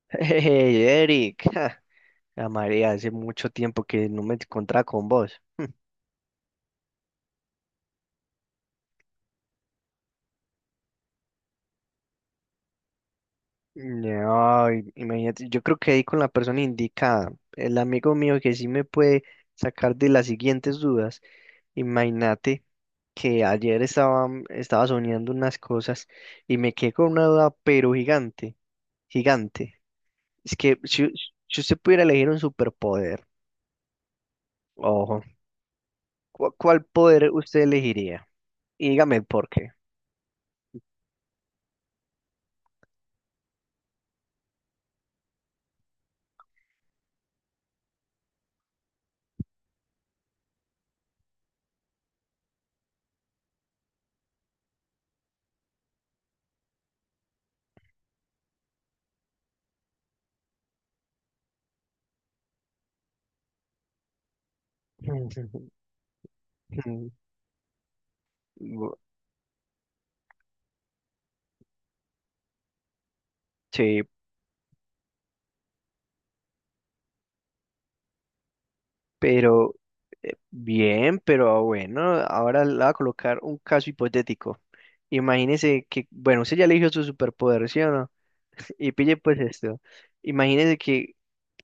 Hey, Eric, ja, la María, hace mucho tiempo que no me encontraba con vos. No, imagínate, yo creo que ahí con la persona indicada, el amigo mío que sí me puede sacar de las siguientes dudas. Imagínate que ayer estaba soñando unas cosas y me quedé con una duda, pero gigante, gigante. Es que si usted pudiera elegir un superpoder, ojo, ¿cuál poder usted elegiría? Y dígame el por qué. Bu- Sí, pero bien, pero bueno, ahora le voy a colocar un caso hipotético. Imagínese que, bueno, usted ya eligió su superpoder, ¿sí o no? Y pille pues esto. Imagínese que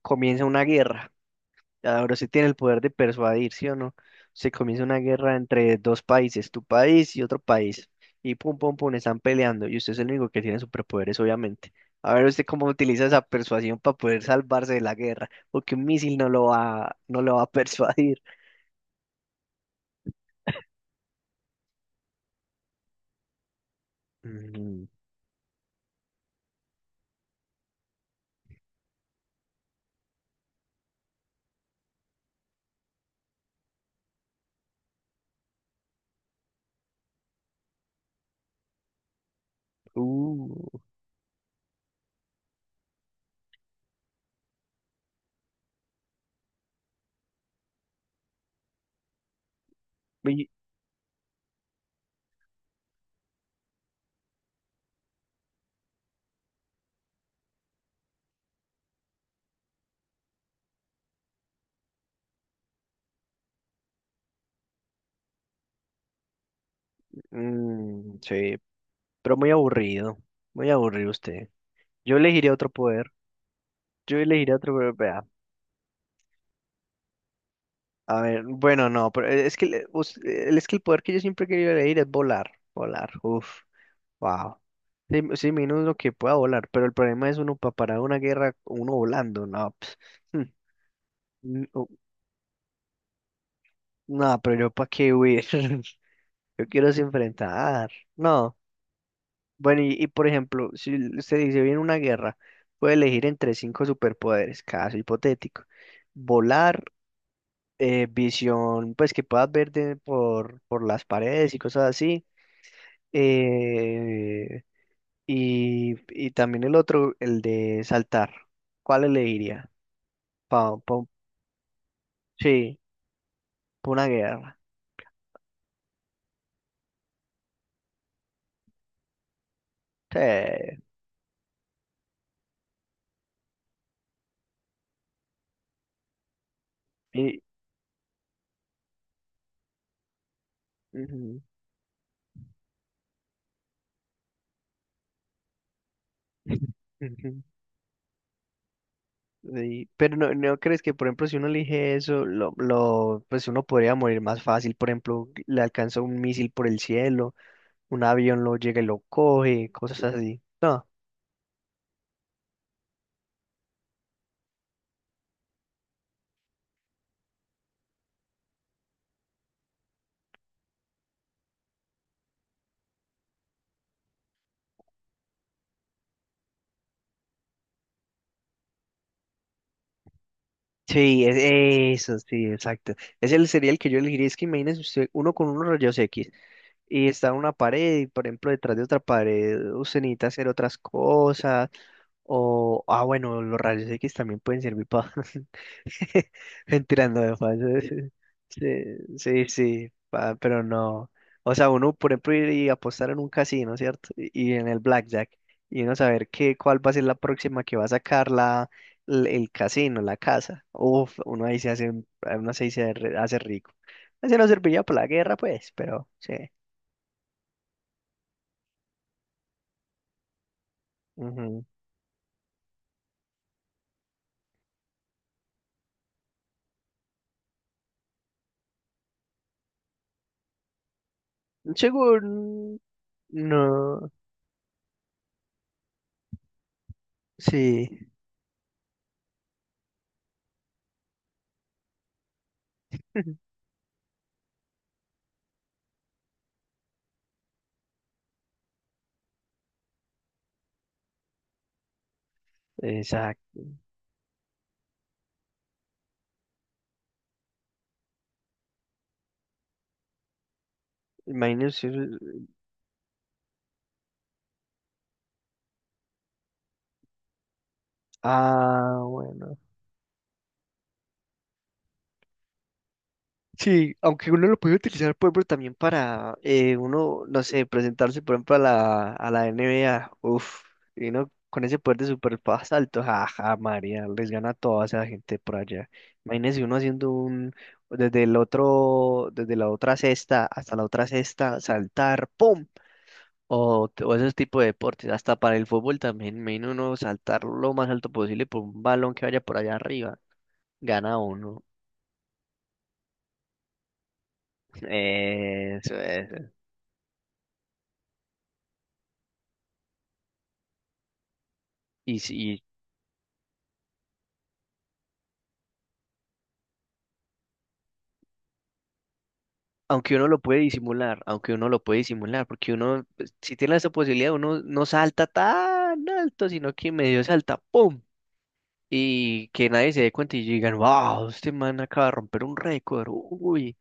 comienza una guerra. Ahora sí tiene el poder de persuadir, ¿sí o no? Se comienza una guerra entre dos países, tu país y otro país, y pum, pum, pum, están peleando, y usted es el único que tiene superpoderes, obviamente. A ver usted cómo utiliza esa persuasión para poder salvarse de la guerra, porque un misil no lo va a persuadir. Mm, uh, y- mm, sí, pero muy aburrido usted. Yo elegiría otro poder, yo elegiría otro poder. A ver, bueno, no, pero es que, es que el poder que yo siempre he querido elegir es volar, volar, uff, wow. Sí, sí, menos lo que pueda volar, pero el problema es uno para parar una guerra, uno volando, no, pues, mm, n- o- no, pero yo para qué huir, yo quiero es enfrentar, no. Bueno, y por ejemplo, si l- usted dice viene una guerra, puede elegir entre cinco superpoderes, caso hipotético. Volar, visión, pues que puedas ver por las paredes y cosas así. Eh, y también el otro, el de saltar. ¿Cuál elegiría? Pa, pa- sí, pa una guerra. Sí. Y- ujú, ujú. Sí, pero no, no crees que, por ejemplo, si uno elige eso, pues uno podría morir más fácil. Por ejemplo, le alcanza un misil por el cielo, un avión lo llega y lo coge, cosas así. No. Sí, eso, sí, exacto. Sería el que yo elegiría. Es que imagínese usted, uno con unos rayos X, y está en una pared y por ejemplo detrás de otra pared usted necesita hacer otras cosas. O ah, bueno, los rayos X también pueden servir para mentirando de falso. Sí, sí, sí, pa- pero no, o sea, uno por ejemplo ir y apostar en un casino, cierto, y en el blackjack y uno saber qué, cuál va a ser la próxima que va a sacar la, el casino, la casa, uf, uno ahí se hace uno ahí hace rico. Así no serviría para la guerra pues, pero sí. Según... No, sí, exacto. Imagínense... Ah, bueno. Sí, aunque uno lo puede utilizar, por ejemplo, también para uno, no sé, presentarse, por ejemplo, a a la NBA. Uf, y uno con ese poder de super alto, jaja, María, les gana a toda esa gente por allá. Imagínense uno haciendo un, desde el otro, desde la otra cesta hasta la otra cesta, saltar, ¡pum! O, o ese tipo de deportes, hasta para el fútbol también, menos uno saltar lo más alto posible por un balón que vaya por allá arriba, gana uno. Eso, eso. Y si, aunque uno lo puede disimular, aunque uno lo puede disimular, porque uno, pues, si tiene esa posibilidad, uno no salta tan alto, sino que medio salta, ¡pum! Y que nadie se dé cuenta y digan, wow, este man acaba de romper un récord, uy.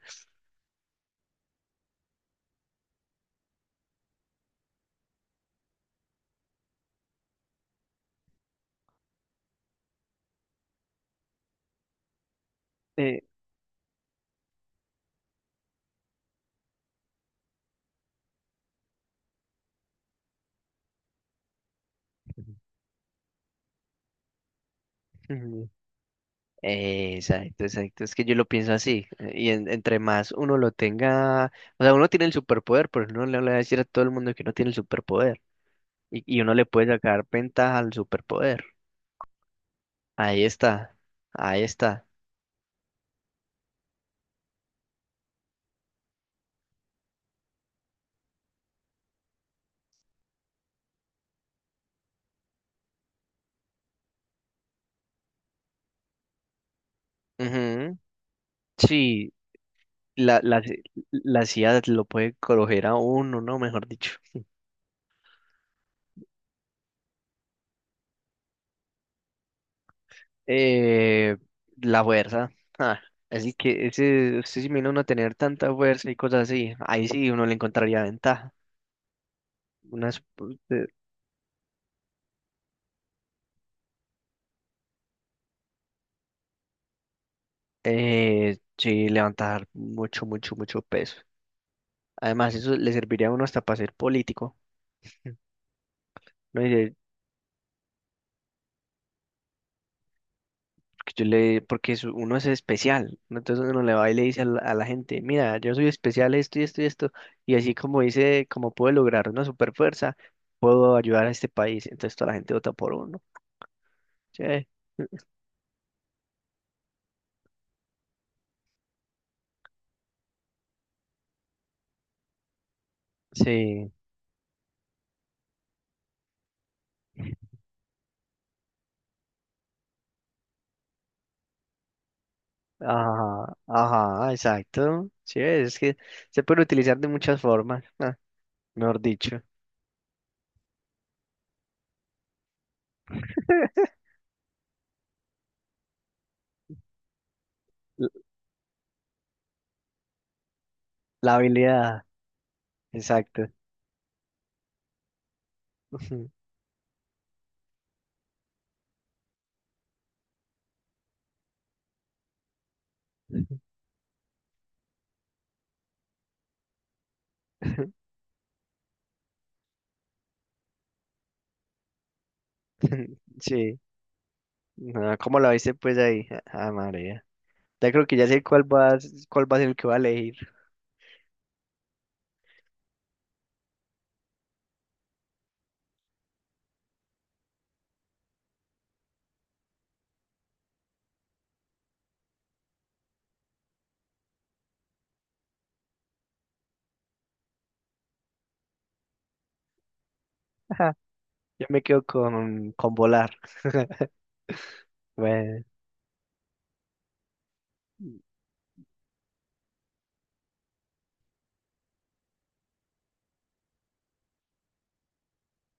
Eh, exacto, exacto. Es que yo lo pienso así. Entre más uno lo tenga, o sea, uno tiene el superpoder, pero uno no le va a decir a todo el mundo que uno tiene el superpoder. Y uno le puede sacar ventaja al superpoder. Ahí está, ahí está. Ujú. Sí, la, la, la CIA lo puede coger a uno, ¿no? Mejor dicho. Eh, la fuerza. Ah, así que ese, usted se imagina uno tener tanta fuerza y cosas así. Ahí sí uno le encontraría ventaja. Unas, eh, sí, levantar mucho, mucho, mucho peso. Además, eso le serviría a uno hasta para ser político, ¿no? Que yo le, porque uno es especial, ¿no? Entonces uno le va y le dice a a la gente, mira, yo soy especial esto y esto y esto, y así como dice, como puedo lograr una super fuerza, puedo ayudar a este país. Entonces toda la gente vota por uno. Sí, sí, ajá, ajá, exacto. Sí, es que se puede utilizar de muchas formas, ah, mejor dicho. L- La habilidad, exacto. Sí, no, ¿cómo lo viste pues ahí? Ah, María. Ya creo que ya sé cuál va, cuál va a ser el que va a elegir. Yo me quedo con volar. Bueno,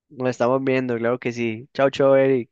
nos estamos viendo, claro que sí. Chao, chao, Eric.